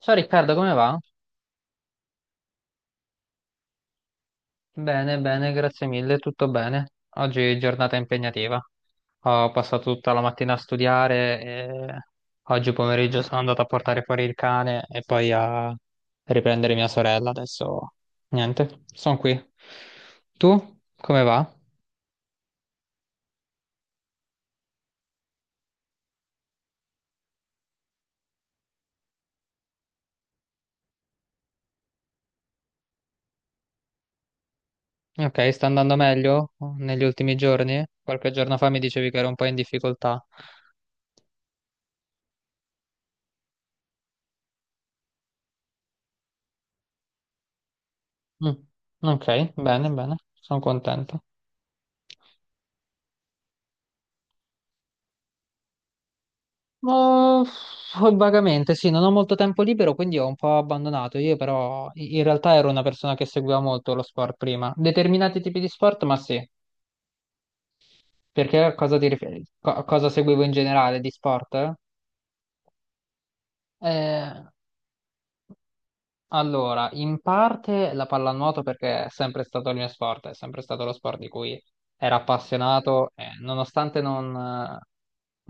Ciao Riccardo, come va? Bene, bene, grazie mille, tutto bene. Oggi è giornata impegnativa. Ho passato tutta la mattina a studiare e oggi pomeriggio sono andato a portare fuori il cane e poi a riprendere mia sorella. Adesso niente, sono qui. Tu come va? Ok, sta andando meglio negli ultimi giorni? Qualche giorno fa mi dicevi che ero un po' in difficoltà. Mm. Ok, bene, bene, sono contento. Oh, vagamente, sì, non ho molto tempo libero, quindi ho un po' abbandonato. Io però in realtà ero una persona che seguiva molto lo sport prima. Determinati tipi di sport, ma sì. Perché a cosa ti riferi? A cosa seguivo in generale di sport? Eh, Allora, in parte la pallanuoto perché è sempre stato il mio sport, è sempre stato lo sport di cui ero appassionato, e nonostante non,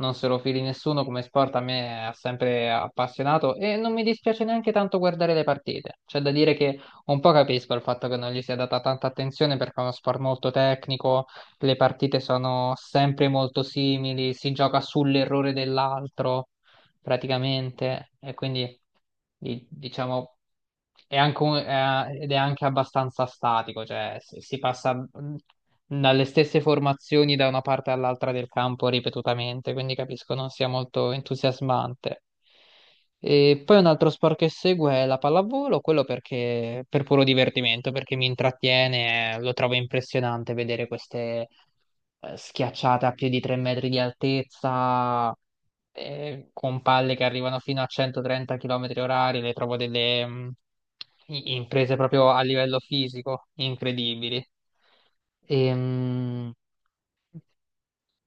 non se lo fili nessuno come sport, a me ha sempre appassionato e non mi dispiace neanche tanto guardare le partite. C'è da dire che un po' capisco il fatto che non gli sia data tanta attenzione perché è uno sport molto tecnico, le partite sono sempre molto simili, si gioca sull'errore dell'altro praticamente, e quindi diciamo è anche ed è anche abbastanza statico, cioè si passa dalle stesse formazioni da una parte all'altra del campo ripetutamente, quindi capisco non sia molto entusiasmante. E poi un altro sport che seguo è la pallavolo, quello perché per puro divertimento, perché mi intrattiene, lo trovo impressionante vedere queste schiacciate a più di 3 metri di altezza, con palle che arrivano fino a 130 km orari, le trovo delle imprese proprio a livello fisico incredibili. E, mm,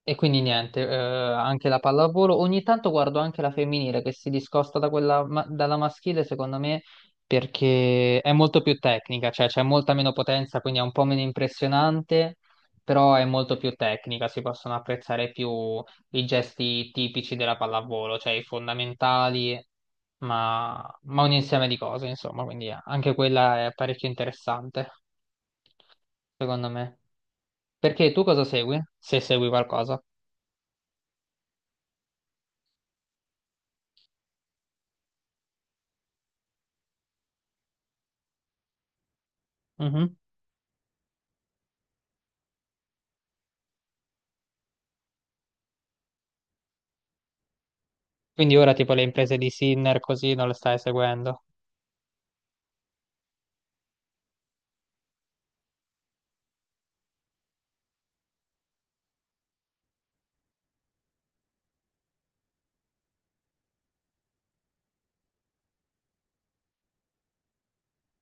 e quindi niente, anche la pallavolo. Ogni tanto guardo anche la femminile che si discosta da quella dalla maschile, secondo me, perché è molto più tecnica, cioè c'è molta meno potenza, quindi è un po' meno impressionante, però è molto più tecnica, si possono apprezzare più i gesti tipici della pallavolo, cioè i fondamentali, ma un insieme di cose, insomma, quindi anche quella è parecchio interessante, secondo me. Perché tu cosa segui? Se segui qualcosa. Mhm. Quindi ora tipo le imprese di Sinner così non le stai seguendo.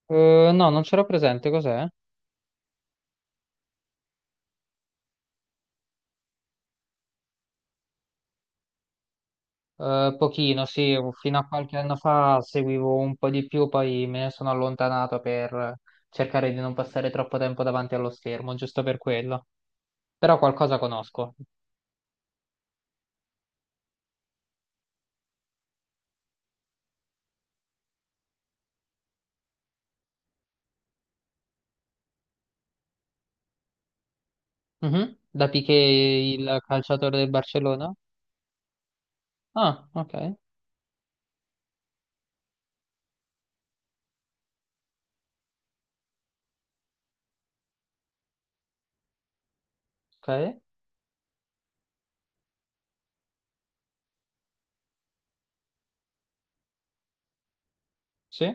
No, non c'ero presente, cos'è? Pochino, sì, fino a qualche anno fa seguivo un po' di più, poi me ne sono allontanato per cercare di non passare troppo tempo davanti allo schermo, giusto per quello. Però qualcosa conosco. Mhm. Da Piqué, il calciatore del Barcellona? Ah, ok, ok, sì.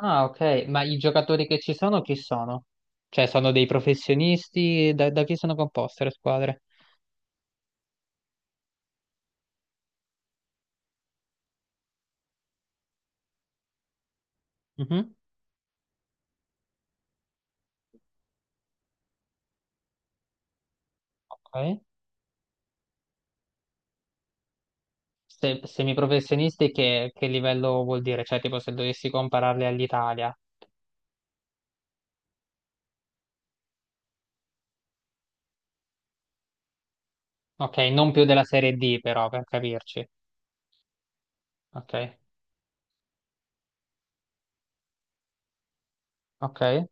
Ah, ok, ma i giocatori che ci sono chi sono? Cioè, sono dei professionisti? Da chi sono composte le squadre? Mhm. Ok. Se, semiprofessionisti che livello vuol dire? Cioè, tipo se dovessi compararli all'Italia. Ok, non più della Serie D però, per capirci. Ok, ok.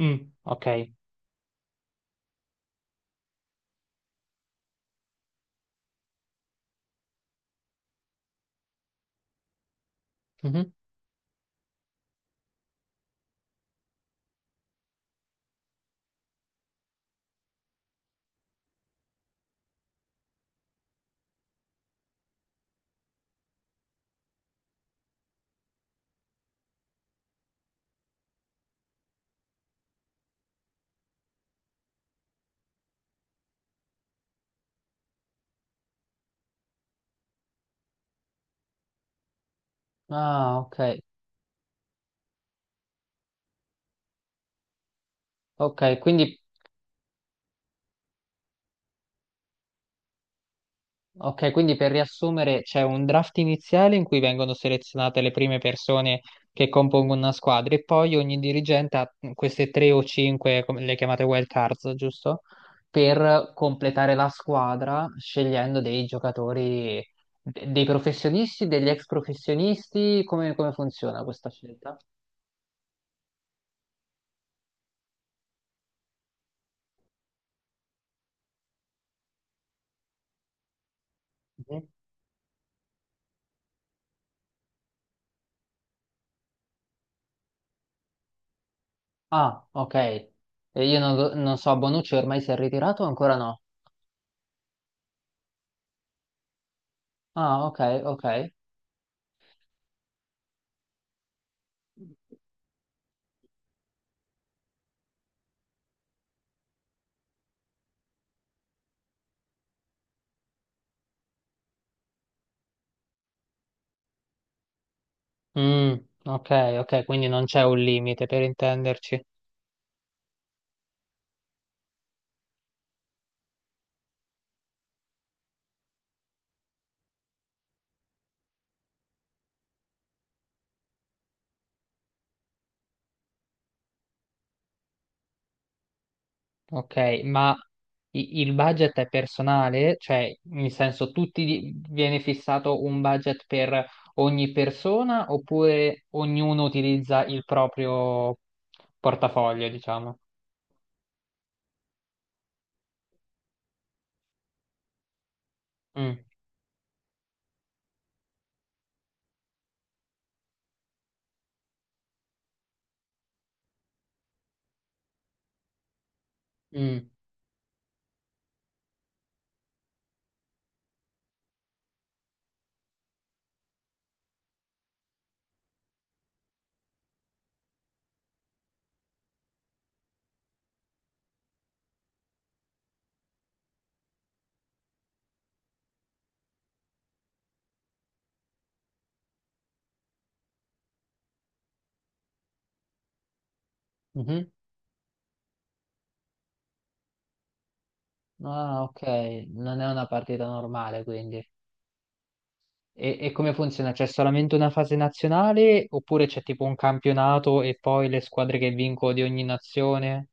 Mm, ok. Mhm. Ah, ok. Ok, quindi Ok, quindi per riassumere c'è un draft iniziale in cui vengono selezionate le prime persone che compongono una squadra e poi ogni dirigente ha queste tre o cinque, come le chiamate wild cards, giusto? Per completare la squadra scegliendo dei giocatori, dei professionisti, degli ex professionisti, come funziona questa scelta? Mhm. Ah, ok. E io non so, Bonucci ormai si è ritirato o ancora no? Ah, ok, ok. Mm, ok, ok, quindi non c'è un limite per intenderci. Ok, ma il budget è personale? Cioè, nel senso, viene fissato un budget per ogni persona oppure ognuno utilizza il proprio portafoglio, diciamo? Mm, mm, mhm. Ah, ok, non è una partita normale, quindi. E come funziona? C'è solamente una fase nazionale oppure c'è tipo un campionato e poi le squadre che vincono di ogni nazione?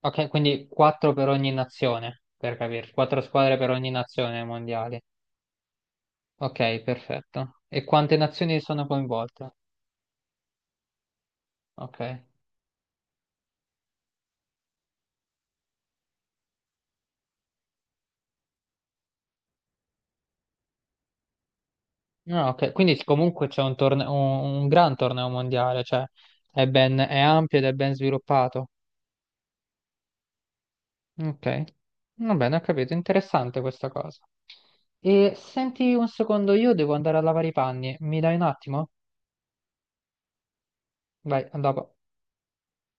Ok, quindi quattro per ogni nazione, per capire, quattro squadre per ogni nazione ai mondiali. Ok, perfetto. E quante nazioni sono coinvolte? Ok. No, ok, quindi comunque c'è un gran torneo mondiale, cioè è ben, è ampio ed è ben sviluppato. Ok, va bene, ho capito, interessante questa cosa. E senti un secondo, io devo andare a lavare i panni, mi dai un attimo? Vai, a dopo.